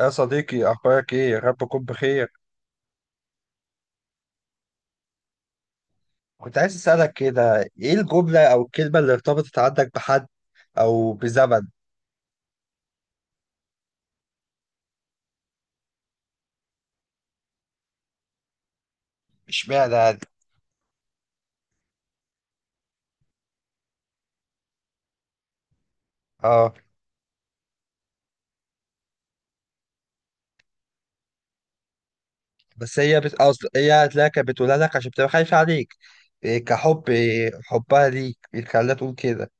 يا صديقي، أخبارك إيه؟ يا رب تكون بخير. كنت عايز أسألك كده، إيه الجملة أو الكلمة اللي ارتبطت عندك بحد أو بزمن؟ اشمعنى يعني؟ آه، أصل هي هتلاقيها كانت بتقولها لك عشان بتبقى خايفة عليك. إيه كحب إيه حبها ليك اللي خلاها تقول كده.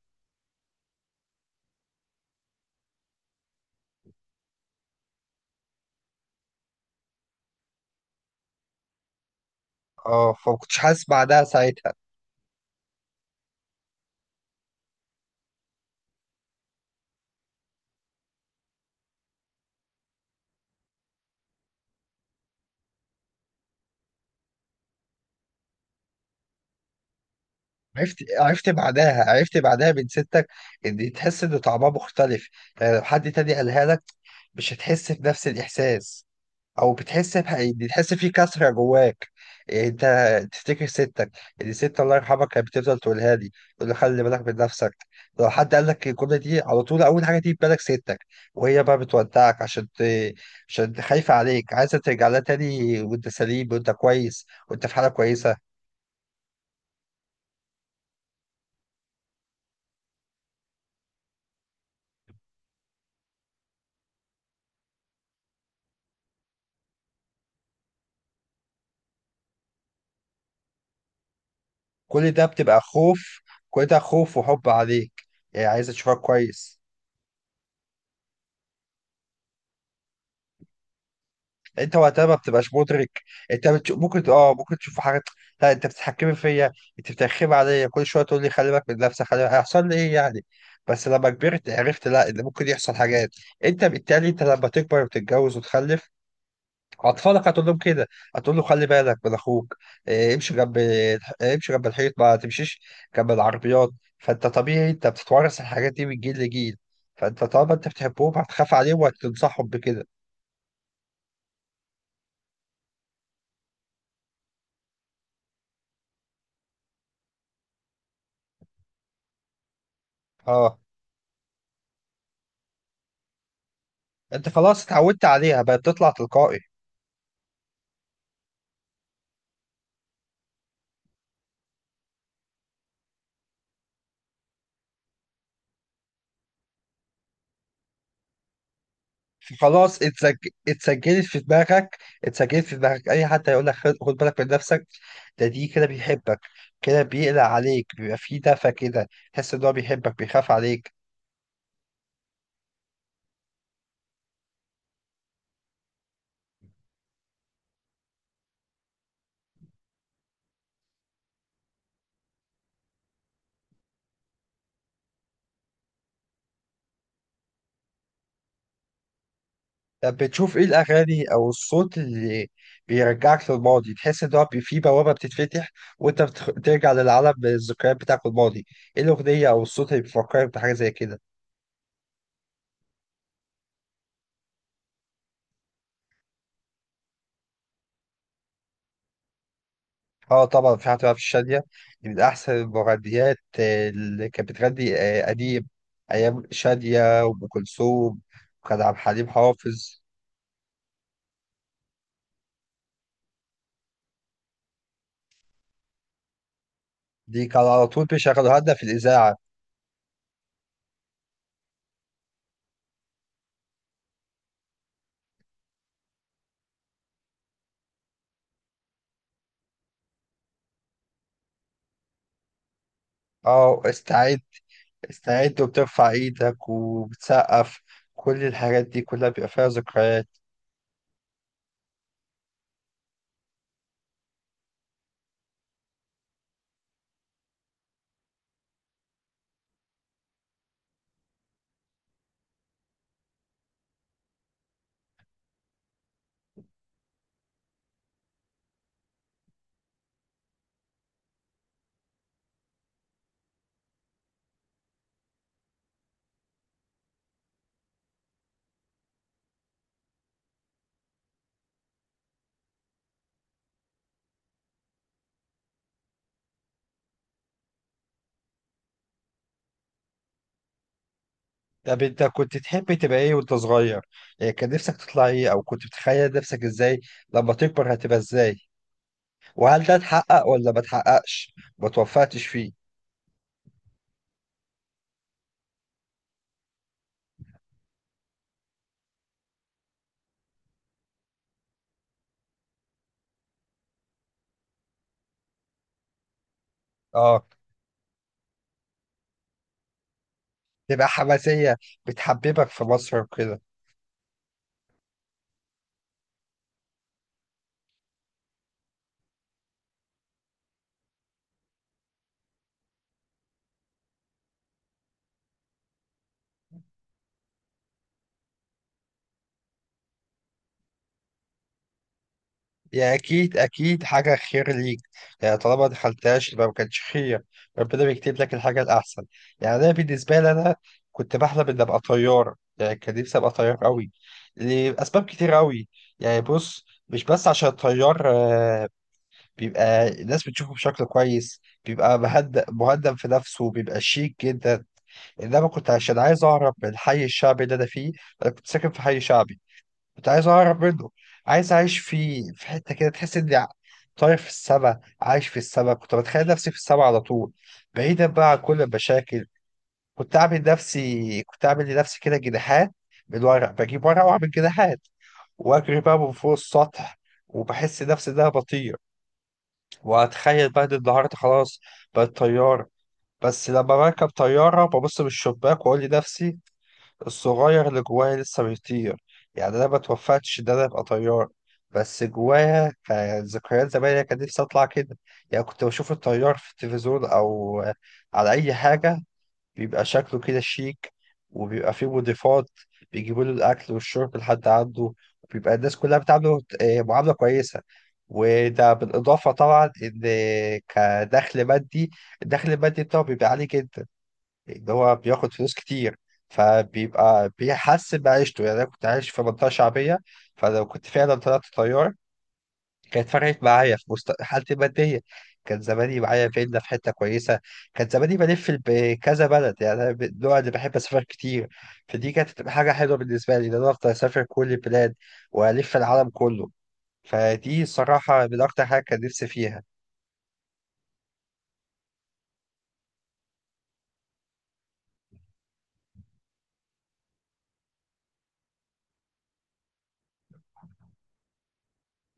آه، فما كنتش حاسس بعدها ساعتها. عرفت بعدها من ستك، إن تحس إن طعمها مختلف. يعني لو حد تاني قالها لك مش هتحس بنفس الإحساس. او بتحس في كسره جواك. يعني انت تفتكر ستك دي، ست الله يرحمها، كانت بتفضل تقولها لي، تقول لي خلي بالك من نفسك. لو حد قال لك الجمله دي، على طول اول حاجه تيجي في بالك ستك، وهي بقى بتودعك عشان عشان خايفه عليك، عايزه ترجع لها تاني وانت سليم وانت كويس وانت في حاله كويسه. كل ده بتبقى خوف. كل ده خوف وحب عليك. يعني عايزه تشوفك كويس. انت وقتها ما بتبقاش مدرك. ممكن ممكن تشوف حاجات. لا، انت بتتحكمي فيا، انت بترخمي عليا كل شويه تقول لي خلي بالك من نفسك، خلي بالك. هيحصل لي ايه يعني؟ بس لما كبرت عرفت، لا، ان ممكن يحصل حاجات. انت بالتالي، انت لما تكبر وتتجوز وتخلف، اطفالك هتقول لهم كده. هتقول له خلي بالك من اخوك. اه، امشي جنب الحيط. ما تمشيش جنب العربيات. فانت طبيعي، انت بتتورث الحاجات دي من جيل لجيل. فانت طالما انت بتحبهم هتخاف عليهم وهتنصحهم بكده. اه، انت خلاص اتعودت عليها، بقت تطلع تلقائي. فخلاص اتسج... اتسجلت في دماغك اتسجلت في دماغك. اي حد هيقول لك خد بالك من نفسك، دي كده بيحبك، كده بيقلق عليك، بيبقى فيه دفى كده، تحس ان هو بيحبك بيخاف عليك. طب بتشوف ايه الاغاني او الصوت اللي بيرجعك للماضي، تحس ان فيه بوابه بتتفتح وانت بترجع للعالم، الذكريات بتاعك الماضي؟ ايه الاغنيه او الصوت اللي بيفكرك بحاجه زي كده؟ اه، طبعا، في حتى في الشادية. دي من أحسن المغنيات، اللي كانت بتغني قديم، أيام شادية وأم كلثوم، وكان عبد الحليم حافظ. دي كان على طول بيشغلوها لنا في الإذاعة. اه، استعد! استعد! وبترفع إيدك وبتسقف. كل الحاجات دي كلها بيبقى فيها ذكريات. طب أنت كنت تحب تبقى إيه وأنت صغير؟ يعني كان نفسك تطلع إيه؟ أو كنت بتخيل نفسك إزاي لما تكبر، هتبقى إزاي؟ وهل ده اتحقق ولا ما اتحققش؟ ما توفقتش فيه؟ اه، تبقى حماسية، بتحببك في مصر وكده. يعني أكيد أكيد حاجة خير ليك. يعني طالما ما دخلتهاش يبقى ما كانش خير. ربنا بيكتب لك الحاجة الأحسن. يعني أنا بالنسبة لي، أنا كنت بحلم إني أبقى طيار. يعني كان نفسي أبقى طيار أوي، لأسباب كتير أوي. يعني بص، مش بس عشان الطيار، بيبقى الناس بتشوفه بشكل كويس، بيبقى مهدأ مهدأ في نفسه، بيبقى شيك جدا. إنما كنت عشان عايز أهرب من الحي الشعبي اللي أنا فيه. أنا كنت ساكن في حي شعبي، كنت عايز اهرب منه. عايز اعيش في حته كده، تحس اني طاير في السما، عايش في السما. كنت بتخيل نفسي في السما على طول، بعيدا بقى عن كل المشاكل. كنت اعمل لنفسي كده جناحات من ورق، بجيب ورق واعمل جناحات واجري بقى من فوق السطح، وبحس نفسي ان انا بطير، واتخيل بقى ان النهارده خلاص بقيت طيار. بس لما بركب طياره ببص من الشباك واقول لنفسي الصغير اللي جوايا لسه بيطير. يعني انا ما توفتش ان انا ابقى طيار، بس جوايا كان ذكريات زمان. أنا كان نفسي اطلع كده. يعني كنت بشوف الطيار في التلفزيون او على اي حاجه، بيبقى شكله كده شيك، وبيبقى فيه مضيفات بيجيبوا له الاكل والشرب لحد عنده، وبيبقى الناس كلها بتعامله معامله كويسه. وده بالاضافه طبعا ان كدخل مادي، الدخل المادي بتاعه بيبقى عالي جدا، اللي هو بياخد فلوس كتير، فبيبقى بيحسن بعيشته. يعني انا كنت عايش في منطقه شعبيه، فلو كنت فعلا طلعت طيار كانت فرقت معايا في حالتي الماديه. كان زماني معايا فيلا في حته كويسه، كان زماني بلف بكذا بلد. يعني انا من النوع اللي بحب اسافر كتير، فدي كانت تبقى حاجه حلوه بالنسبه لي، ان انا افضل اسافر كل البلاد والف العالم كله. فدي الصراحه من اكتر حاجه كان نفسي فيها.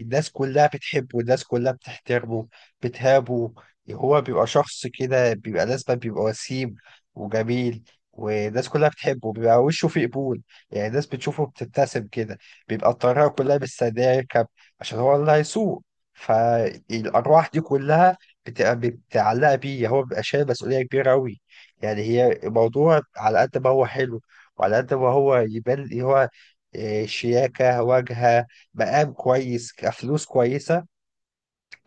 الناس كلها بتحبه، الناس كلها بتحترمه، بتهابه. هو بيبقى شخص كده بيبقى لازما بيبقى وسيم وجميل، والناس كلها بتحبه، بيبقى وشه فيه قبول. يعني الناس بتشوفه بتبتسم كده. بيبقى الطيارة كلها مستنية يركب، عشان هو اللي هيسوق. فالأرواح دي كلها بتبقى متعلقة بيه. هو بيبقى شايل مسؤولية كبيرة أوي. يعني هي الموضوع، على قد ما هو حلو، وعلى قد ما هو يبان هو شياكة، واجهة، مقام كويس، كفلوس كويسة،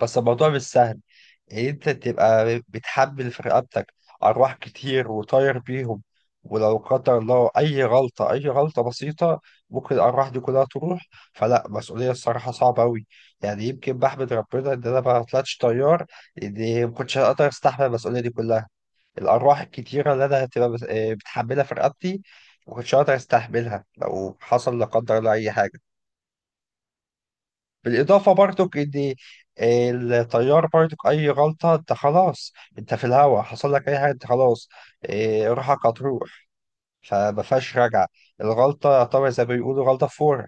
بس الموضوع مش سهل. إن أنت تبقى بتحمل في رقبتك أرواح كتير، وطاير بيهم، ولو قدر الله أي غلطة، أي غلطة بسيطة، ممكن الأرواح دي كلها تروح. فلا، مسؤولية الصراحة صعبة أوي. يعني يمكن بحمد ربنا إن أنا ما طلعتش طيار، لأن ما كنتش هقدر أستحمل المسؤولية دي كلها. الأرواح الكتيرة اللي أنا هتبقى بتحملها في رقبتي، ما كنتش هقدر أستحملها لو حصل لا قدر الله أي حاجة. بالإضافة برضك إن الطيار برضك أي غلطة أنت خلاص. أنت في الهوا، حصل لك أي حاجة أنت خلاص. إيه، روحك هتروح، فما فيهاش رجعة. الغلطة طبعا زي ما بيقولوا غلطة فورة.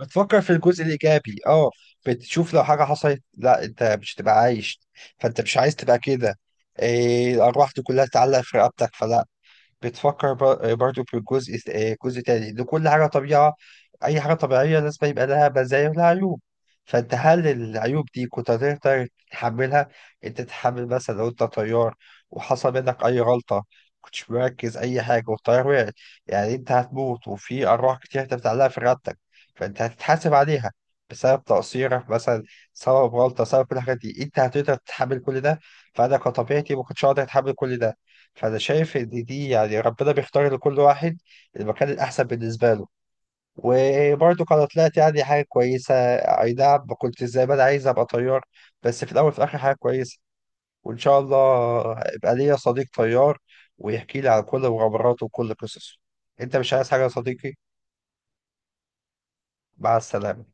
بتفكر في الجزء الإيجابي. أه، بتشوف لو حاجة حصلت، لا، أنت مش هتبقى عايش، فأنت مش عايز تبقى كده. إيه، الأرواح دي كلها تتعلق في رقبتك، فلا. بتفكر برضو في جزء، جزء تاني، ان كل حاجه طبيعه. اي حاجه طبيعيه لازم يبقى لها مزايا ولها عيوب. فانت، هل العيوب دي كنت هتقدر تتحملها؟ انت تتحمل مثلا لو انت طيار وحصل منك اي غلطه، كنتش مركز اي حاجه والطيار وقع، يعني انت هتموت وفي ارواح كتير انت بتعلقها في رقبتك، فانت هتتحاسب عليها بسبب تقصيرك مثلا، سبب غلطه، سبب كل الحاجات دي. انت هتقدر تتحمل كل ده؟ فانا كطبيعتي ما كنتش هقدر اتحمل كل ده. فانا شايف ان دي، يعني، ربنا بيختار لكل واحد المكان الاحسن بالنسبه له. وبرضه كانت طلعت يعني حاجه كويسه. اي نعم، ما كنت زي ما انا عايز ابقى طيار، بس في الاول وفي الاخر حاجه كويسه. وان شاء الله يبقى ليا صديق طيار ويحكي لي عن كل مغامراته وكل قصصه. انت مش عايز حاجه يا صديقي؟ مع السلامه.